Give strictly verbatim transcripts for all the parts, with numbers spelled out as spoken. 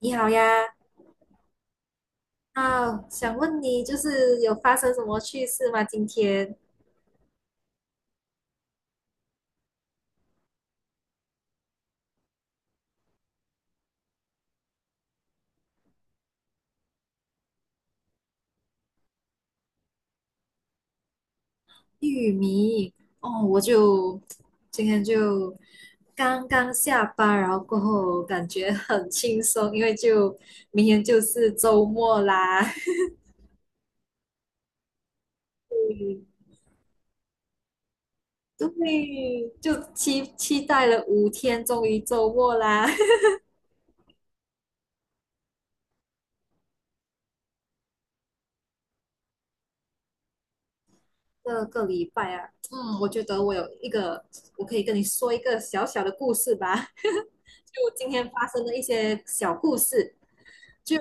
你好呀。啊，想问你就是有发生什么趣事吗？今天玉米。哦，我就今天就刚刚下班，然后过后感觉很轻松，因为就明天就是周末啦。嗯。对，就期期待了五天，终于周末啦。这个礼拜啊，嗯，我觉得我有一个，我可以跟你说一个小小的故事吧，就今天发生的一些小故事。就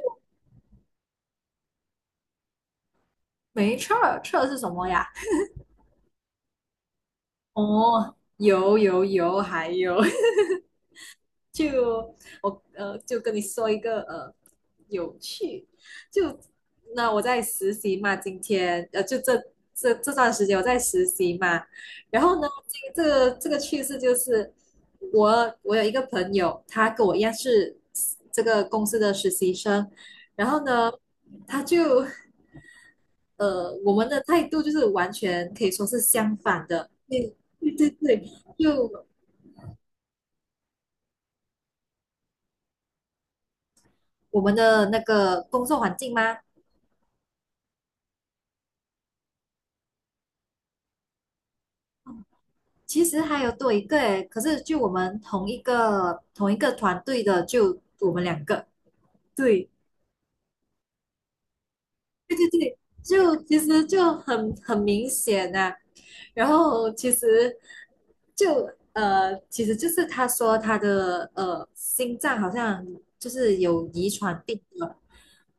没撤儿，撤是什么呀？哦，有有有，还有 就我呃，就跟你说一个呃有趣，就那我在实习嘛，今天呃就这这这段时间我在实习嘛。然后呢，这个这个这个趣事就是我我有一个朋友，他跟我一样是这个公司的实习生。然后呢，他就呃，我们的态度就是完全可以说是相反的。对对对对。就我们的那个工作环境吗？其实还有多一个诶，可是就我们同一个同一个团队的，就我们两个。对。对对对，就其实就很很明显呐。然后其实就呃，其实就是他说他的呃心脏好像就是有遗传病的，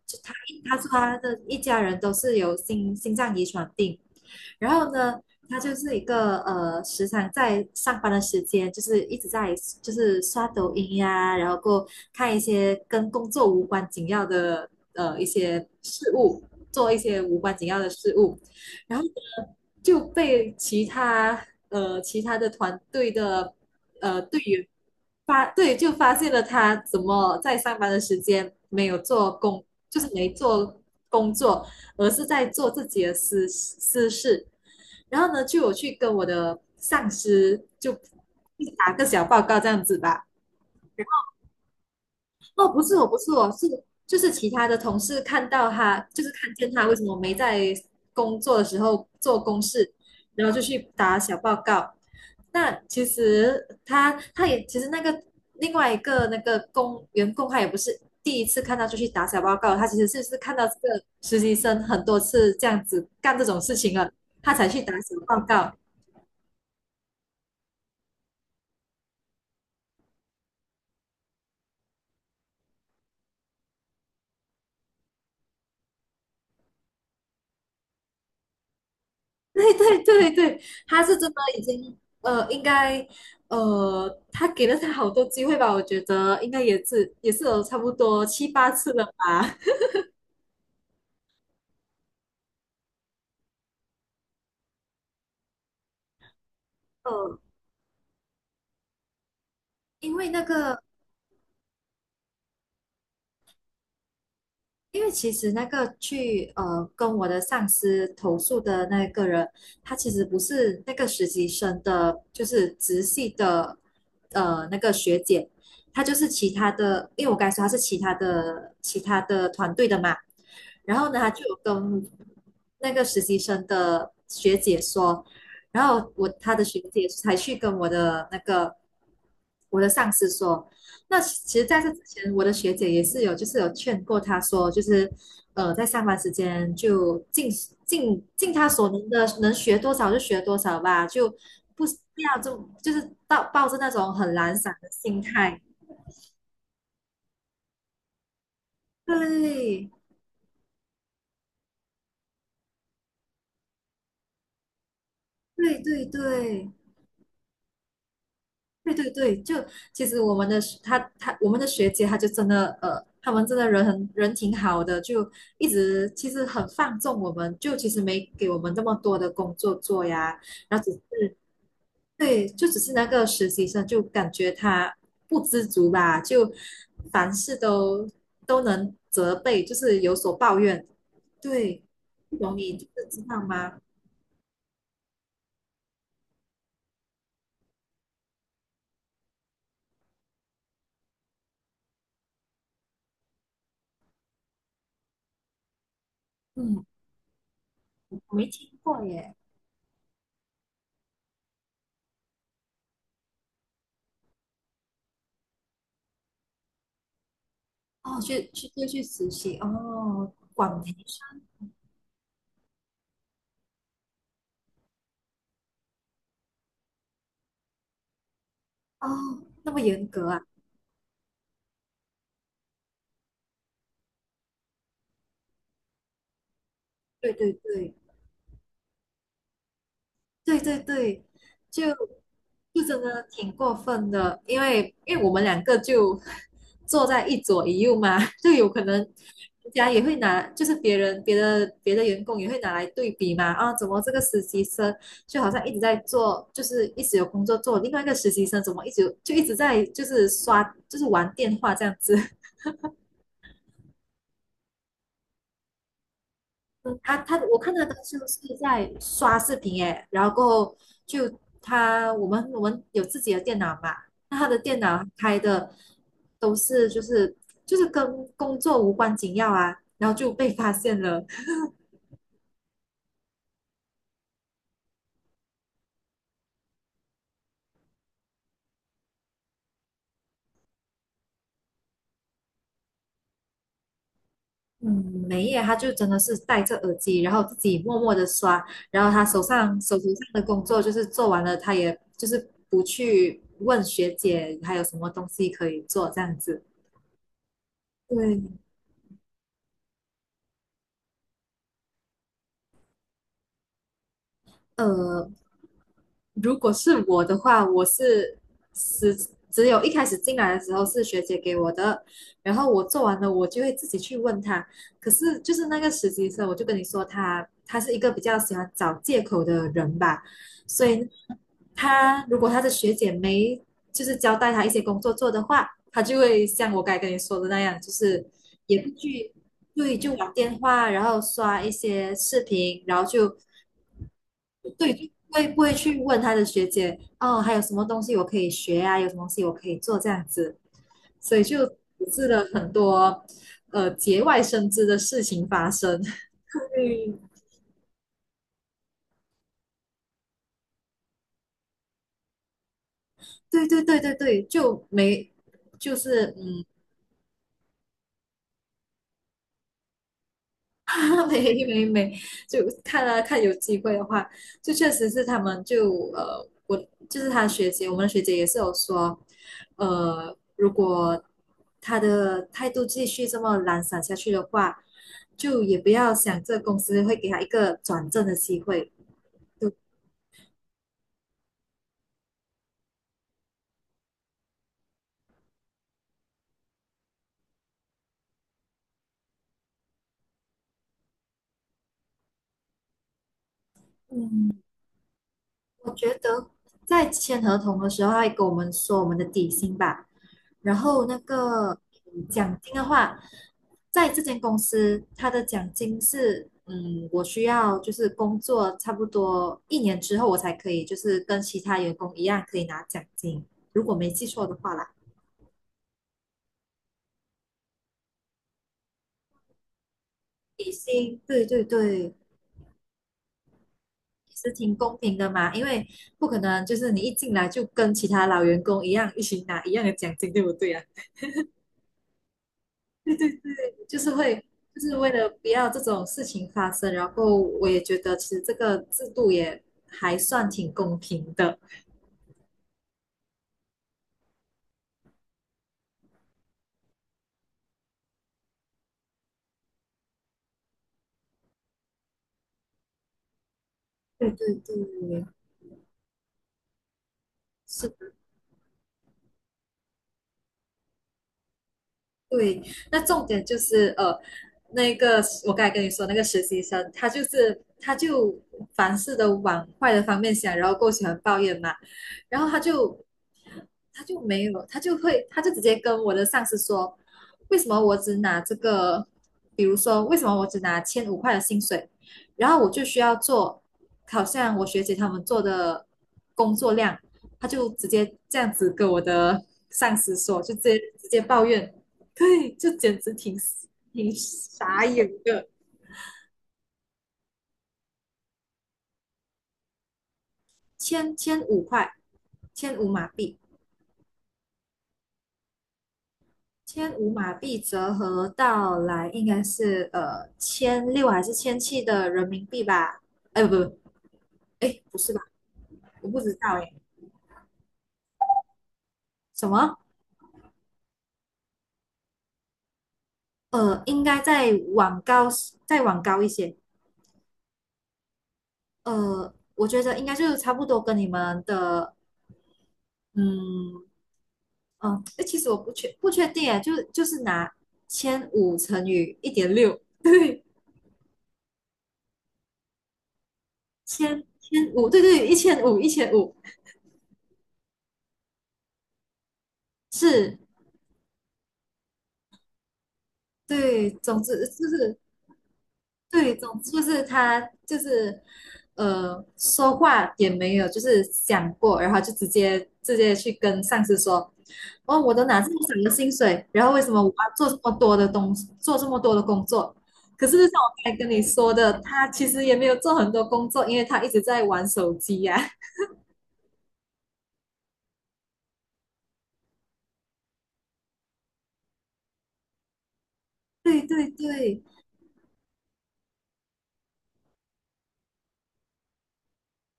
就他他说他的一家人都是有心心脏遗传病。然后呢，他就是一个呃，时常在上班的时间，就是一直在就是刷抖音呀。然后过后看一些跟工作无关紧要的呃一些事物，做一些无关紧要的事物。然后呢就被其他呃其他的团队的呃队员发对就发现了他怎么在上班的时间没有做工，就是没做工作，而是在做自己的私私事。然后呢，就我去跟我的上司就打个小报告这样子吧。哦，不是我，不是我，是就是其他的同事看到他，就是看见他为什么没在工作的时候做公事，然后就去打小报告。那其实他他也其实那个另外一个那个工员工他也不是第一次看到就去打小报告，他其实是是看到这个实习生很多次这样子干这种事情了，他才去打小报告。对对对对，他是真的已经呃，应该呃，他给了他好多机会吧？我觉得应该也是也是有差不多七八次了吧。呃，因为那个，因为其实那个去呃跟我的上司投诉的那个人，他其实不是那个实习生的，就是直系的呃那个学姐，她就是其他的，因为我刚才说她是其他的其他的团队的嘛。然后呢，他就有跟那个实习生的学姐说，然后我他的学姐才去跟我的那个我的上司说。那其实在这之前，我的学姐也是有就是有劝过他说，就是呃在上班时间就尽尽尽他所能的，能学多少就学多少吧，就不不要就就是抱抱着那种很懒散的心态。对对对对。对对对，就其实我们的他他我们的学姐，她就真的呃，他们真的人很人挺好的，就一直其实很放纵我们，就其实没给我们这么多的工作做呀。然后只是对，就只是那个实习生就感觉他不知足吧，就凡事都都能责备，就是有所抱怨。对，不懂你就是知道吗？嗯，我没听过耶。哦，去去就去实习哦，广培哦，那么严格啊？对对对对对对，就就真的挺过分的，因为因为我们两个就 坐在一左一右嘛，就有可能人家也会拿，就是别人别的别的员工也会拿来对比嘛。啊，怎么这个实习生就好像一直在做，就是一直有工作做，另外一个实习生怎么一直就一直在就是刷就是玩电话这样子。嗯他他，我看他的就是在刷视频诶。然后就他我们我们有自己的电脑嘛，那他的电脑开的都是就是就是跟工作无关紧要啊，然后就被发现了。嗯，没耶，他就真的是戴着耳机，然后自己默默的刷，然后他手上手头上的工作就是做完了，他也就是不去问学姐还有什么东西可以做这样子。对。呃，如果是我的话，我是是只有一开始进来的时候是学姐给我的，然后我做完了，我就会自己去问她。可是就是那个实习生，我就跟你说他，他是一个比较喜欢找借口的人吧，所以他如果他的学姐没就是交代他一些工作做的话，他就会像我刚才跟你说的那样，就是也不去。对，就玩电话，然后刷一些视频，然后就对，就不会不会去问他的学姐哦，还有什么东西我可以学啊？有什么东西我可以做这样子，所以就导致了很多呃节外生枝的事情发生。对，对对对对对，就没就是嗯，没没没，就看啊看有机会的话，就确实是他们就呃，我就是他学姐，我们的学姐也是有说。呃，如果他的态度继续这么懒散下去的话，就也不要想这个公司会给他一个转正的机会。我觉得在签合同的时候，他会跟我们说我们的底薪吧，然后那个嗯奖金的话，在这间公司，它的奖金是，嗯，我需要就是工作差不多一年之后，我才可以就是跟其他员工一样可以拿奖金，如果没记错的话啦。底薪，对对对，也是挺公平的嘛，因为不可能就是你一进来就跟其他老员工一样一起拿一样的奖金，对不对啊？就是会就是为了不要这种事情发生，然后我也觉得其实这个制度也还算挺公平的。对对对，是对，那重点就是呃，那个我刚才跟你说那个实习生，他就是他就凡事都往坏的方面想，然后够喜欢抱怨嘛，然后他就他就没有，他就会他就直接跟我的上司说，为什么我只拿这个，比如说为什么我只拿千五块的薪水，然后我就需要做好像我学姐他们做的工作量，他就直接这样子跟我的上司说，就直接直接抱怨。对，这简直挺挺傻眼的。千千五块，千五马币，千五马币折合到来应该是呃千六还是千七的人民币吧？哎，不不，哎，不是吧？我不知道哎。什么？呃，应该再往高，再往高一些。呃，我觉得应该就是差不多跟你们的，嗯嗯，呃哎，其实我不确不确定哎，就就是拿千五乘以一点六，对，千千五，对对，一千五，一千五，是，对，总之就是对，总之就是他就是呃，说话也没有就是想过，然后就直接直接去跟上司说，哦，我都拿这么少的薪水，然后为什么我要做这么多的东西，做这么多的工作？可是像我刚才跟你说的，他其实也没有做很多工作，因为他一直在玩手机呀。对对对，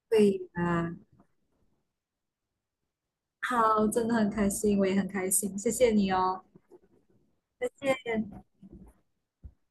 对啊，好，真的很开心，我也很开心，谢谢你哦。再见。